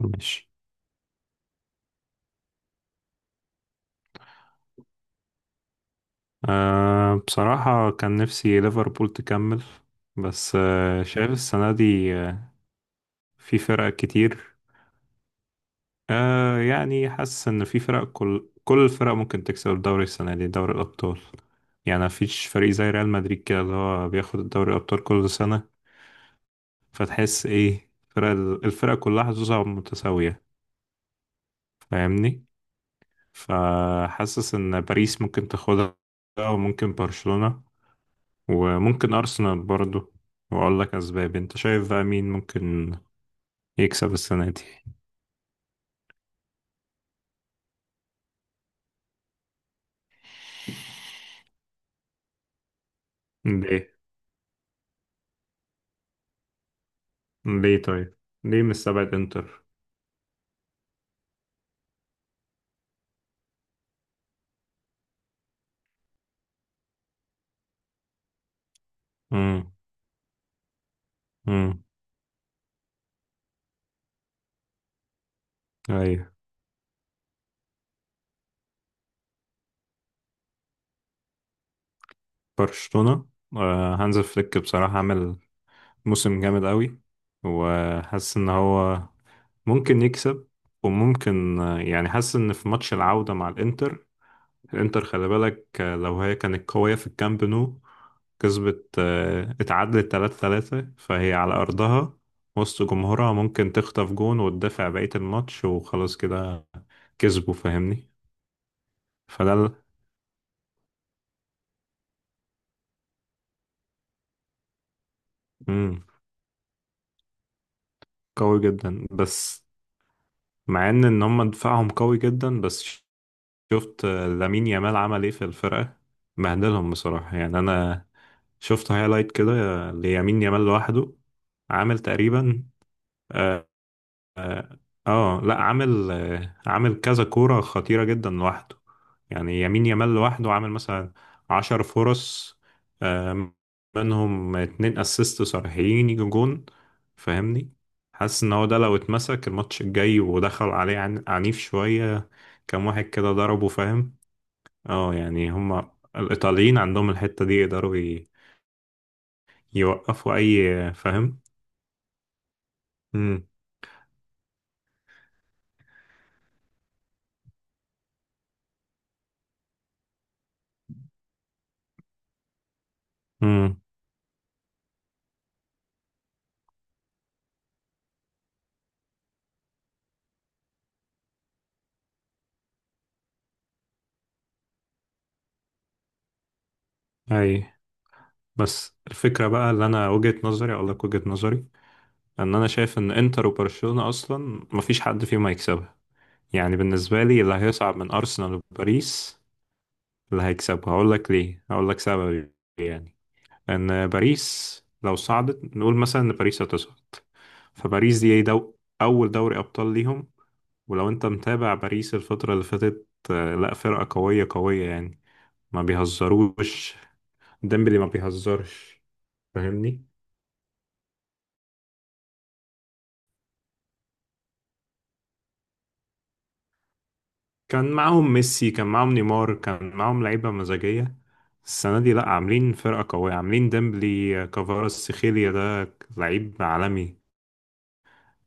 ماشي. بصراحة كان نفسي ليفربول تكمل. بس شايف السنة دي، في فرق كتير. يعني حاسس إن في فرق، كل الفرق ممكن تكسب الدوري السنة دي، دوري الأبطال. يعني مفيش فريق زي ريال مدريد كده اللي هو بياخد الدوري الأبطال كل سنة. فتحس إيه؟ فرق الفرق كلها حظوظها متساوية. فاهمني؟ فحاسس إن باريس ممكن تاخدها، وممكن برشلونة، وممكن أرسنال برضو. وأقول لك أسباب. أنت شايف بقى مين ممكن يكسب السنة دي؟ ليه؟ ليه طيب؟ ليه مستبعد إنتر؟ امم. امم. أيوة. برشلونة. آه، هانز فليك بصراحة عمل موسم جامد قوي. وحاسس إن هو ممكن يكسب، وممكن. يعني حاسس إن في ماتش العودة مع الإنتر، الانتر خلي بالك. لو هي كانت قوية في الكامب نو كسبت. اتعادلت 3-3، فهي على أرضها وسط جمهورها ممكن تخطف جون وتدافع بقية الماتش وخلاص كده كسبوا. فاهمني؟ فده ال- مم. قوي جدا. بس مع ان هم دفاعهم قوي جدا. بس شفت، لامين يامال عمل ايه في الفرقة؟ بهدلهم بصراحة. يعني انا شفت هايلايت كده ليامين يامال لوحده. عامل تقريبا، آه، اه لا، عامل كذا كورة خطيرة جدا لوحده. يعني يمين يامال لوحده عامل مثلا 10 فرص، آه، منهم اتنين اسيست صريحين يجوا جون. فاهمني؟ حاسس ان هو ده لو اتمسك الماتش الجاي ودخل عليه عنيف شوية، كام واحد كده ضربه. فاهم؟ اه، يعني هما الايطاليين عندهم الحتة دي يقدروا يوقفوا اي. فاهم؟ امم. امم. اي. بس الفكرة بقى، اللي أنا وجهة نظري، أقول لك وجهة نظري. إن أنا شايف إن إنتر وبرشلونة أصلا مفيش حد فيهم هيكسبها. يعني بالنسبة لي، اللي هيصعد من أرسنال وباريس، اللي هيكسبها. هقول لك ليه، هقول لك سببي. يعني، إن باريس لو صعدت، نقول مثلا إن باريس هتصعد. فباريس دي أول دوري أبطال ليهم. ولو أنت متابع باريس الفترة اللي فاتت، لا، فرقة قوية قوية يعني. ما بيهزروش. ديمبلي ما بيهزرش. فاهمني؟ كان معاهم ميسي، كان معاهم نيمار، كان معاهم لعيبة مزاجية. السنة دي لأ، عاملين فرقة قوية، عاملين ديمبلي، كفاراتسخيليا. سيخيليا ده لعيب عالمي.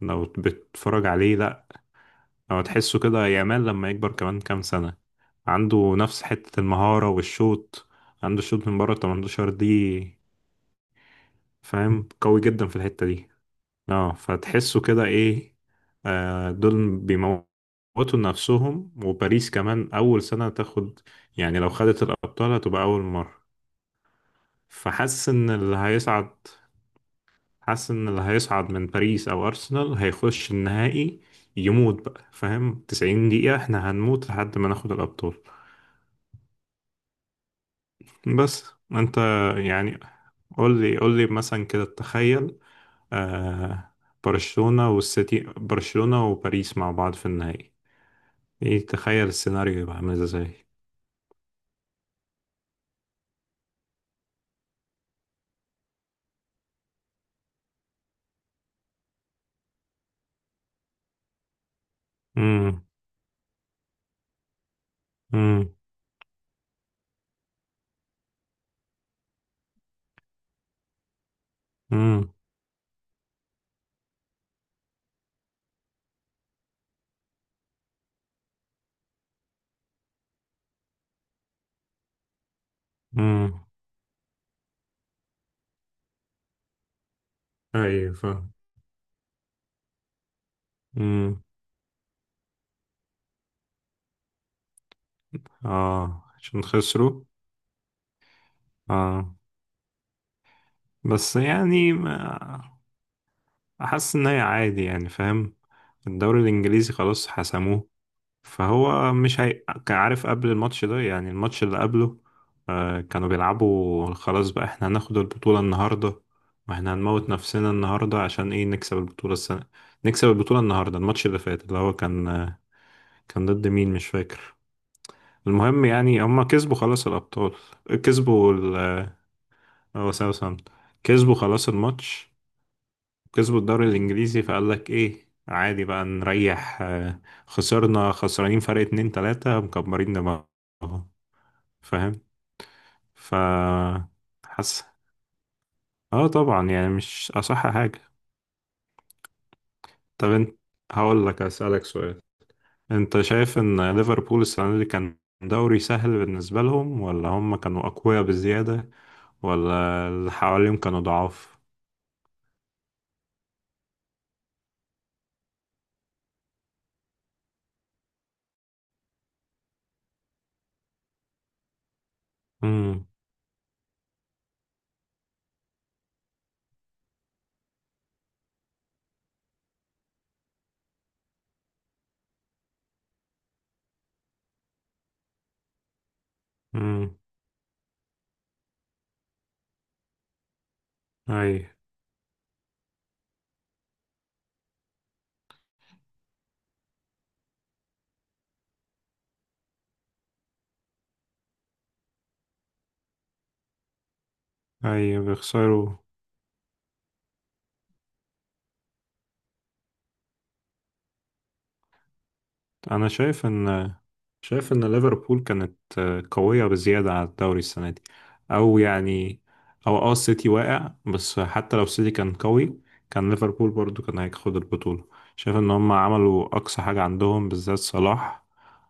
لو بتتفرج عليه لأ. لو تحسه كده، يامال لما يكبر كمان كام سنة، عنده نفس حتة المهارة والشوط. عنده شوط من بره 18 دي. فاهم؟ قوي جدا في الحتة دي. اه، فتحسوا كده ايه؟ دول بيموتوا نفسهم. وباريس كمان اول سنة تاخد، يعني لو خدت الابطال هتبقى اول مرة. فحاسس ان اللي هيصعد حاسس ان اللي هيصعد من باريس او ارسنال هيخش النهائي. يموت بقى. فاهم؟ 90 دقيقة احنا هنموت لحد ما ناخد الابطال. بس انت، يعني قول لي، قول لي مثلا كده. تخيل، آه برشلونة والسيتي، برشلونة وباريس مع بعض في النهائي. ايه؟ تخيل السيناريو يبقى عامل ازاي. امم. امم. امم. امم. ايوه، فاهم. امم. اه، عشان خسروا. اه، بس يعني ما احس ان هي عادي يعني. فاهم؟ الدوري الانجليزي خلاص حسموه. فهو مش هي. كان عارف قبل الماتش ده، يعني الماتش اللي قبله، كانوا بيلعبوا. خلاص بقى، احنا هناخد البطولة النهاردة. واحنا هنموت نفسنا النهاردة عشان ايه؟ نكسب البطولة السنة، نكسب البطولة النهاردة. الماتش اللي فات اللي هو كان، كان ضد مين مش فاكر. المهم، يعني هما كسبوا خلاص الأبطال. كسبوا ال آه، هو ساوثهامبتون. كسبوا خلاص الماتش. كسبوا الدوري الإنجليزي. فقال لك إيه؟ عادي بقى نريح. خسرنا. خسرانين فرق اتنين تلاتة مكبرين دماغهم. فاهم؟ ف حاسس. اه، طبعا يعني مش أصح حاجة. طب انت، هقول لك، أسألك سؤال. انت شايف ان ليفربول السنة دي كان دوري سهل بالنسبة لهم، ولا هم كانوا أقوياء بزيادة، ولا اللي حواليهم كانوا ضعاف؟ امم. امم. اي. اي، بيخسروا. انا شايف ان ليفربول كانت قوية بزيادة على الدوري السنة دي. او يعني، او السيتي واقع. بس حتى لو السيتي كان قوي، كان ليفربول برضو كان هياخد البطولة. شايف ان هم عملوا اقصى حاجة عندهم، بالذات صلاح.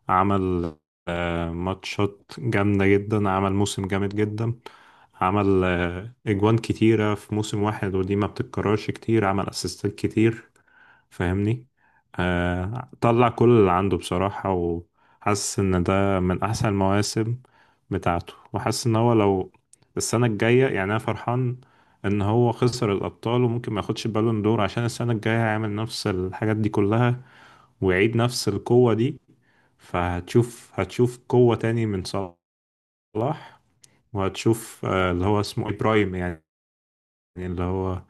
عمل ماتشات جامدة جدا. عمل موسم جامد جدا. عمل اجوان كتيرة في موسم واحد، ودي ما بتتكررش كتير. عمل اسيستات كتير. فاهمني؟ طلع كل اللي عنده بصراحة. وحاسس ان ده من احسن المواسم بتاعته. وحاسس ان هو لو السنة الجاية، يعني انا فرحان ان هو خسر الابطال، وممكن ما ياخدش بالون دور عشان السنة الجاية هيعمل نفس الحاجات دي كلها، ويعيد نفس القوة دي. فهتشوف، هتشوف قوة تاني من صلاح. وهتشوف اللي هو اسمه إيه؟ برايم يعني. اللي هو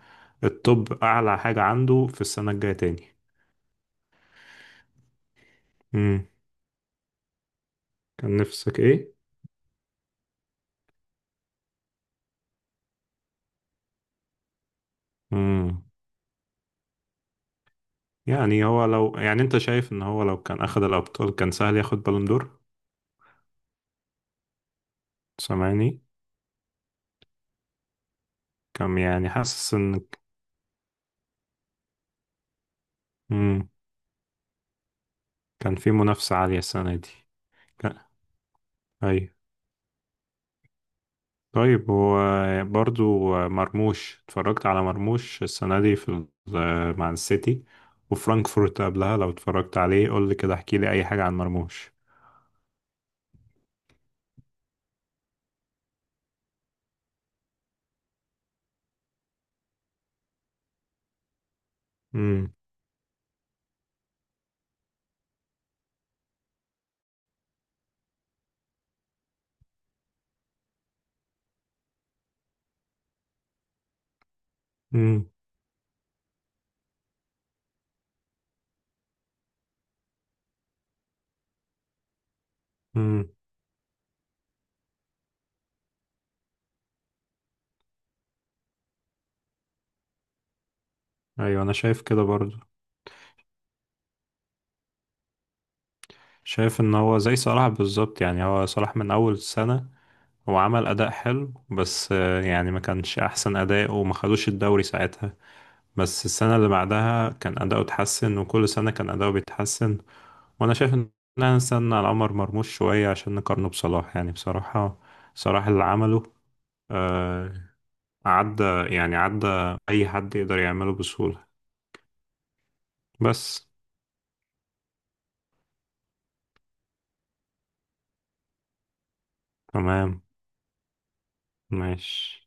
الطب اعلى حاجة عنده في السنة الجاية تاني. مم. كان نفسك ايه؟ امم. يعني هو لو، يعني انت شايف ان هو لو كان اخذ الابطال كان سهل ياخد بالون دور؟ سامعني؟ كان يعني حاسس ان. امم. كان في منافسة عالية السنة دي. كان. ايوه. طيب، هو برضو، مرموش. اتفرجت على مرموش السنة دي في مع السيتي وفرانكفورت قبلها. لو اتفرجت عليه قول لي كده، احكي لي اي حاجة عن مرموش. امم. امم. امم. ايوه، انا شايف كده برضو. شايف ان هو زي صلاح بالظبط. يعني هو صلاح من اول السنة هو عمل أداء حلو. بس يعني ما كانش أحسن أداء، وما خدوش الدوري ساعتها. بس السنة اللي بعدها كان أداؤه اتحسن، وكل سنة كان أداؤه بيتحسن. وأنا شايف إن إحنا نستنى على عمر مرموش شوية، عشان نقارنه بصلاح، يعني بصراحة. صلاح اللي عمله، آه، عدى، يعني عدى، أي حد يقدر يعمله بسهولة. بس. تمام. ماشي.